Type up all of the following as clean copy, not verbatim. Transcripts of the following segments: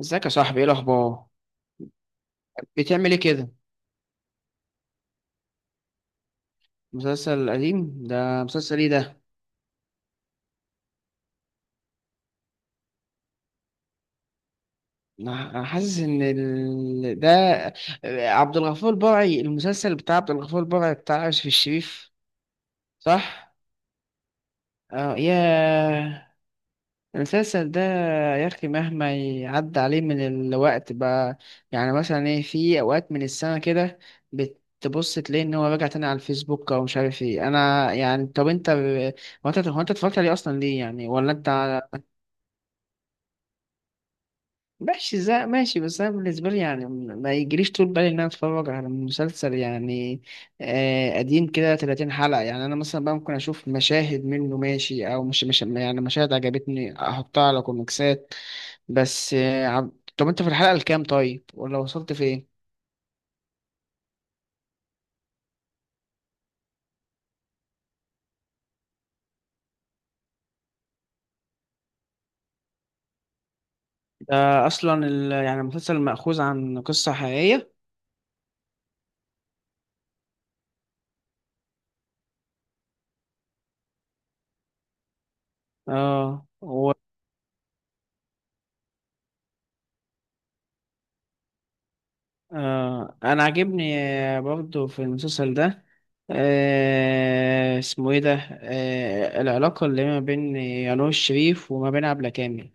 ازيك يا صاحبي؟ ايه الاخبار؟ بتعمل ايه كده؟ مسلسل قديم؟ ده مسلسل ايه ده؟ أنا حاسس ان ال... ده عبد الغفور البرعي، المسلسل بتاع عبد الغفور البرعي بتاع يوسف الشريف، صح؟ اه يا... المسلسل ده، يا اخي مهما يعدي عليه من الوقت بقى، يعني مثلا ايه، في اوقات من السنه كده بتبص تلاقي ان هو راجع تاني على الفيسبوك او مش عارف ايه. انا يعني، طب انت، هو انت اتفرجت عليه اصلا ليه يعني، ولا انت... ماشي، زي ماشي. بس انا بالنسبه لي يعني ما يجريش طول بالي ان انا اتفرج على مسلسل يعني قديم كده 30 حلقه. يعني انا مثلا بقى ممكن اشوف مشاهد منه ماشي، او مش يعني مشاهد عجبتني احطها على كوميكسات بس. طب انت في الحلقه الكام طيب، ولا وصلت فين؟ ده اصلا ال... يعني المسلسل مأخوذ عن قصه حقيقيه؟ اه. انا عاجبني، برضو في المسلسل ده، اسمه ايه ده، العلاقة اللي ما بين يانوش شريف وما بين عبلة كامل.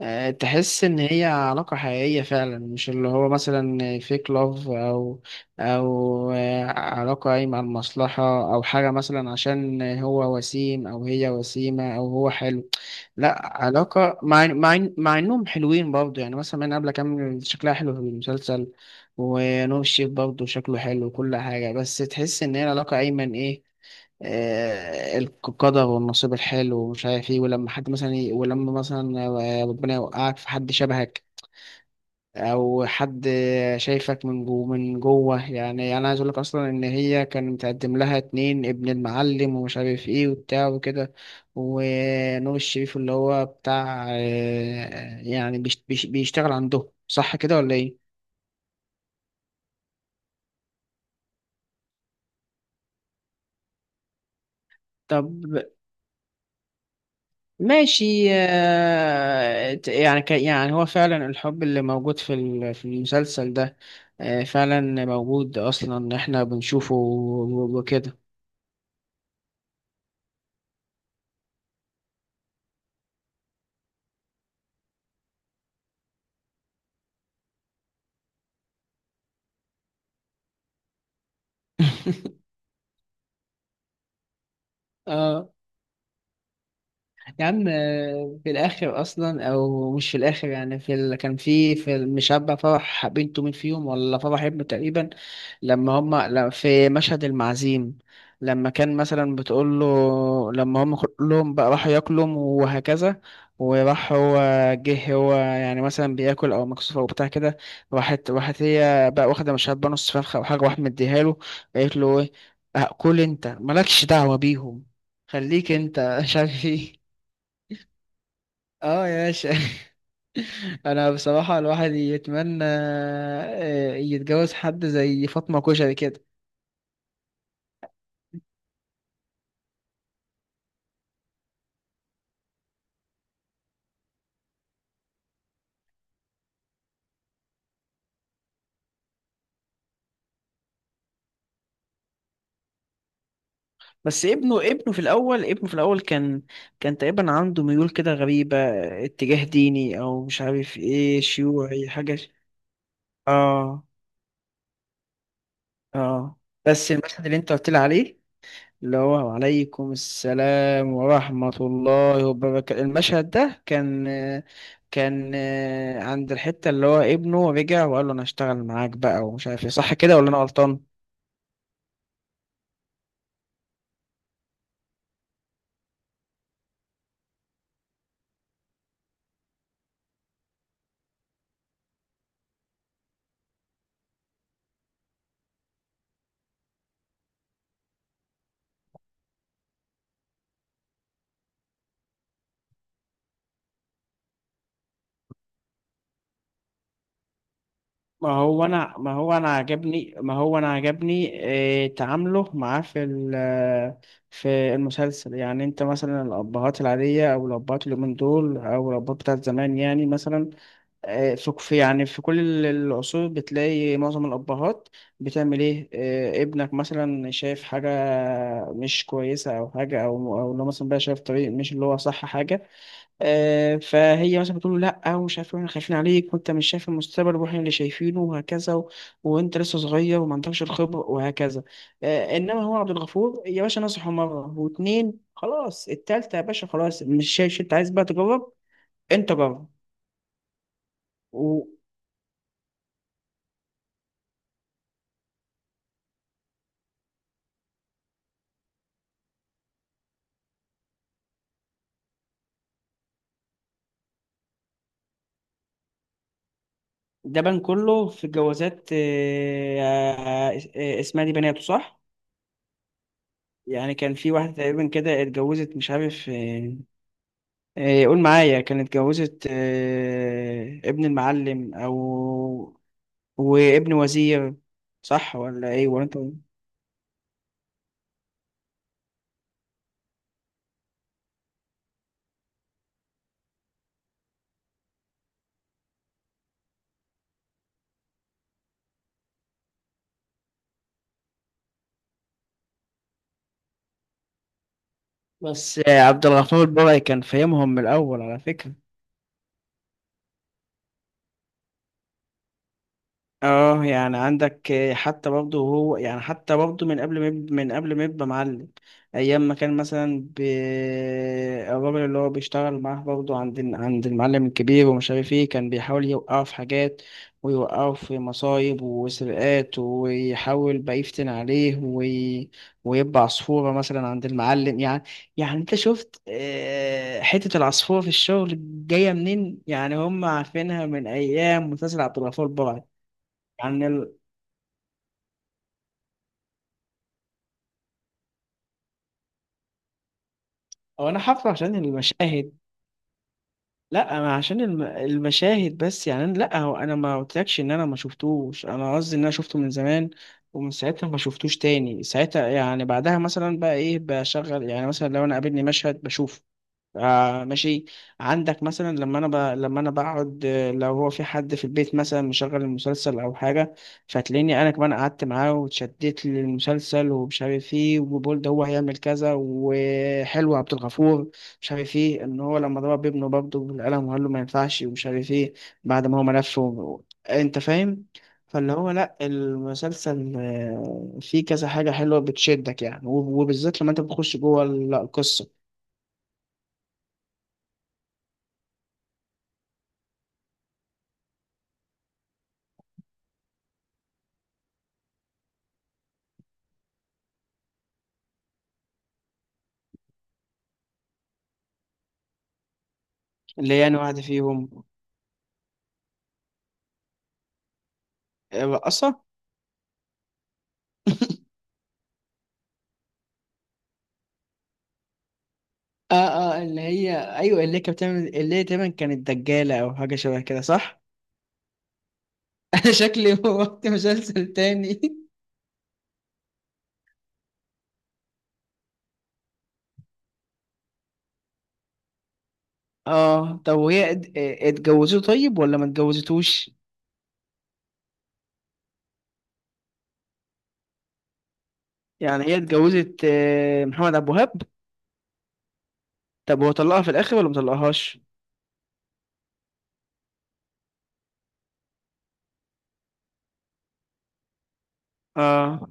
تحس ان هي علاقة حقيقية فعلا، مش اللي هو مثلا فيك لاف، او او علاقة قايمة على المصلحة، او حاجة مثلا عشان هو وسيم او هي وسيمة او هو حلو. لا، علاقة، مع انهم حلوين برضه يعني، مثلا من قبل كامل شكلها حلو في المسلسل، ونور الشريف برضه شكله حلو وكل حاجة، بس تحس ان هي علاقة ايمن ايه، القدر والنصيب الحلو ومش عارف ايه. ولما حد مثلا ولما مثلا، ربنا يوقعك في حد شبهك، او حد شايفك من جوه. يعني انا عايز اقول لك اصلا ان هي كان متقدم لها اتنين، ابن المعلم ومش عارف ايه وبتاع وكده، ونور الشريف اللي هو بتاع، يعني بيشتغل عندهم، صح كده ولا ايه؟ طب ماشي، يعني يعني هو فعلا الحب اللي موجود في المسلسل ده، فعلا موجود اصلا، احنا بنشوفه وكده. اه يا عم، في الاخر اصلا، او مش في الاخر يعني في ال... كان في المشبع فرح بنته مين فيهم، ولا فرح ابنه تقريبا، لما هما... لا، في مشهد المعزيم، لما كان مثلا بتقول له، لما هم كلهم بقى راحوا ياكلوا وهكذا، وراح هو، جه هو يعني مثلا بياكل او مكسوف او بتاع كده، راحت هي بقى واخده مشبع نص فرخه او حاجه واحد مديها له، قالت له ايه، كل انت، مالكش دعوه بيهم، خليك انت، مش عارف ايه. اه يا باشا. انا بصراحة الواحد يتمنى يتجوز حد زي فاطمة كشري كده. بس ابنه في الاول، ابنه في الاول كان، كان تقريبا عنده ميول كده غريبة، اتجاه ديني او مش عارف ايه شيوعي حاجة اه. اه، بس المشهد اللي انت قلت لي عليه، اللي هو عليكم السلام ورحمة الله وبركاته، المشهد ده كان، كان عند الحتة اللي هو ابنه رجع وقال له أنا هشتغل معاك بقى ومش عارف ايه، صح كده ولا أنا غلطان؟ ما هو أنا ما هو أنا عجبني ما هو أنا عجبني، تعامله معاه في المسلسل. يعني أنت مثلا الأبهات العادية أو الأبهات اليومين دول أو الأبهات بتاعت زمان، يعني مثلا، يعني في كل العصور بتلاقي معظم الأبهات بتعمل إيه، ابنك مثلا شايف حاجة مش كويسة أو حاجة، أو أو لو مثلا بقى شايف طريق مش اللي هو صح حاجة، فهي مثلا بتقول له لأ ومش عارف إيه، إحنا خايفين عليك وأنت مش شايف المستقبل وإحنا اللي شايفينه وهكذا و... وأنت لسه صغير وما عندكش الخبرة وهكذا. إنما هو عبد الغفور يا باشا نصحه مرة واتنين، خلاص التالتة يا باشا، خلاص مش شايف، أنت عايز بقى تجرب، أنت جرب. ده بان كله في الجوازات. اسمها دي بناته صح؟ يعني كان في واحدة تقريبا كده اتجوزت، مش عارف، قول معايا، كانت اتجوزت ابن المعلم أو وابن وزير، صح ولا ايه ولا انت... بس عبد الغفور البرعي كان فاهمهم من الأول على فكرة. اه يعني عندك حتى برضه هو يعني، حتى برضه من قبل ما من قبل ما يبقى معلم، ايام ما كان مثلا ب... الراجل اللي هو بيشتغل معاه برضه عند المعلم الكبير ومش عارف ايه، كان بيحاول يوقعه في حاجات ويوقعه في مصايب وسرقات، ويحاول بقى يفتن عليه وي... ويبقى عصفورة مثلا عند المعلم يعني. يعني انت شفت حتة العصفورة في الشغل جاية منين، يعني هم عارفينها من ايام مسلسل عبد الغفور البرعي. عن ال... او انا حفله عشان المشاهد، لا ما عشان الم... المشاهد بس. يعني أنا... لا هو انا ما قلتلكش ان انا ما شفتوش، انا قصدي ان انا شفته من زمان ومن ساعتها ما شفتوش تاني. ساعتها يعني بعدها مثلا بقى ايه بشغل، يعني مثلا لو انا قابلني مشهد بشوفه. آه ماشي. عندك مثلا لما انا ب... لما انا بقعد، لو هو في حد في البيت مثلا مشغل المسلسل او حاجه، فتلاقيني انا كمان قعدت معاه واتشدت للمسلسل ومش عارف ايه، وبقول ده هو هيعمل كذا وحلو عبد الغفور، مش عارف ايه، ان هو لما ضرب ابنه برضه بالقلم وقال له ما ينفعش ومش عارف ايه، بعد ما هو ملف و... انت فاهم. فاللي هو لا المسلسل فيه كذا حاجه حلوه بتشدك يعني، وبالذات لما انت بتخش جوه القصه. اللي هي أنا واحدة فيهم. رقصة. اه اه، اللي هي ايوه، اللي هي كانت بتعمل، اللي هي تقريبا كانت دجالة او حاجة شبه كده صح؟ انا شكلي وقت مسلسل تاني. اه طب وهي اتجوزته طيب ولا ما اتجوزتوش؟ يعني هي اتجوزت محمد عبد الوهاب. طب هو طلقها في الاخر ولا ما طلقهاش؟ اه،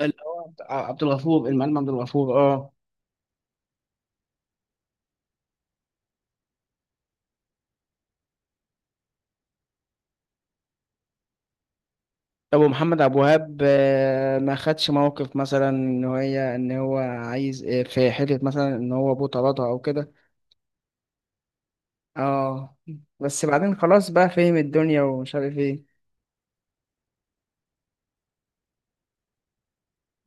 اللي هو عبد عبد الغفور، المعلم عبد الغفور، اه. ابو محمد عبد الوهاب، ما خدش موقف، مثلا ان هي ان هو عايز، في حته مثلا ان هو ابوه طردها او كده. اه بس بعدين خلاص بقى فهم الدنيا ومش عارف ايه.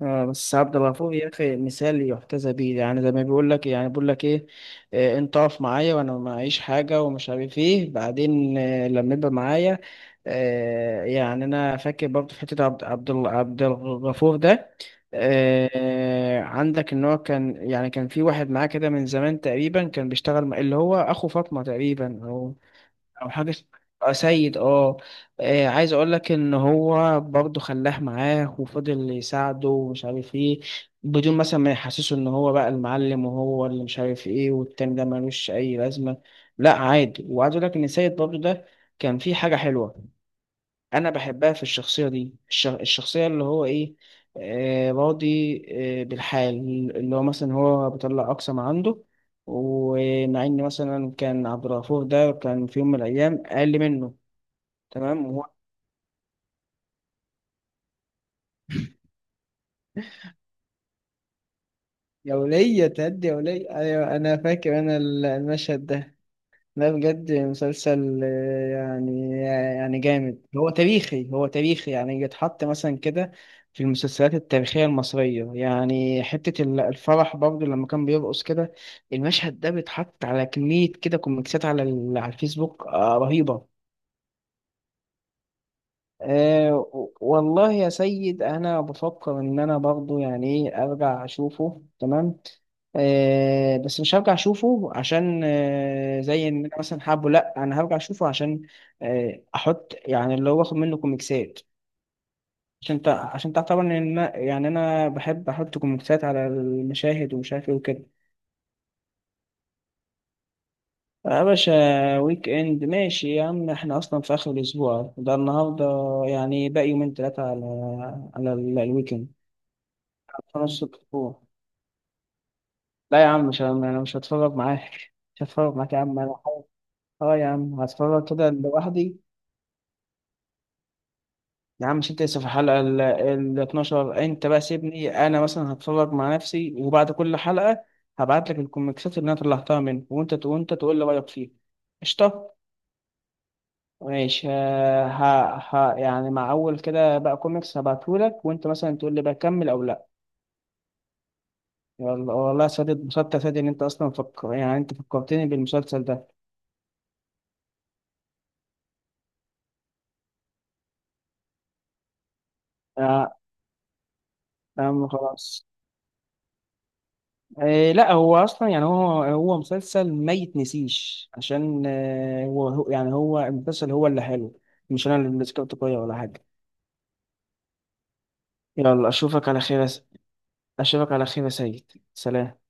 آه بس عبد الغفور يا اخي مثال يحتذى بيه، يعني زي ما بيقول لك، يعني بيقول لك ايه، آه انت اقف معايا وانا معيش حاجه ومش عارف ايه، بعدين آه لما يبقى معايا. آه يعني انا فاكر برضه في حته عبد الغفور ده، آه عندك ان هو كان يعني، كان في واحد معاه كده من زمان تقريبا كان بيشتغل اللي هو اخو فاطمه تقريبا، او او حاجه آه، سيد، اه. عايز اقول لك ان هو برضه خلاه معاه وفضل يساعده ومش عارف ايه، بدون مثلا ما يحسسه ان هو بقى المعلم وهو اللي مش عارف ايه والتاني ده ملوش اي لازمه، لا عادي. وعايز اقول لك ان سيد برضه ده كان فيه حاجه حلوه انا بحبها في الشخصيه دي، الشخصيه اللي هو ايه، آه راضي، آه بالحال، اللي هو مثلا هو بيطلع اقصى ما عنده، ومع ان مثلا كان عبد الغفور ده كان في يوم من الايام اقل منه. تمام. وهو يا ولية تهدي يا ولية، أيوة أنا فاكر أنا المشهد ده. ده بجد مسلسل يعني، يعني جامد. هو تاريخي يعني يتحط مثلا كده في المسلسلات التاريخية المصرية. يعني الفرح برضه لما كان بيرقص كده، المشهد ده بيتحط على كمية كده كوميكسات على الفيسبوك رهيبة. أه والله يا سيد، انا بفكر ان انا برضو يعني ايه ارجع اشوفه، تمام أه، بس مش هرجع اشوفه عشان أه زي ان انا مثلا حابه، لا انا هرجع اشوفه عشان أه احط يعني اللي هو باخد منه كوميكسات. عشان عشان تعرف طبعا ان يعني انا بحب احط كوميكسات على المشاهد ومش عارف ايه وكده. آه، يا باشا. ويك اند، ماشي يا عم، احنا اصلا في اخر الاسبوع ده النهارده، يعني باقي يومين ثلاثه على الويكند. خمس ست شهور. لا يا عم، مش انا مش هتفرج معاك. مش هتفرج معاك يا عم، انا حاول. اه يا عم، هتفرج كده لوحدي. يا عم مش انت لسه في الحلقة ال 12؟ انت بقى سيبني انا مثلا هتفرج مع نفسي، وبعد كل حلقة هبعت لك الكوميكسات اللي انا طلعتها منه، وانت وانت تقول لي رأيك فيها. قشطة. ماشي، آه، ها ها يعني مع اول كده بقى كوميكس هبعتهولك، وانت مثلا تقول لي بقى كمل او لا. يلا والله يا سادة، اتبسطت يا سادة، ان انت اصلا فكر، يعني انت فكرتني بالمسلسل ده. آه، يا عم خلاص. إيه، لا هو اصلا يعني، هو هو مسلسل ما يتنسيش عشان آه، يعني هو المسلسل هو اللي حلو، مش انا اللي ذكرته كويس ولا حاجه. يلا اشوفك على خير يا اشوفك على خير يا سيد، سلام.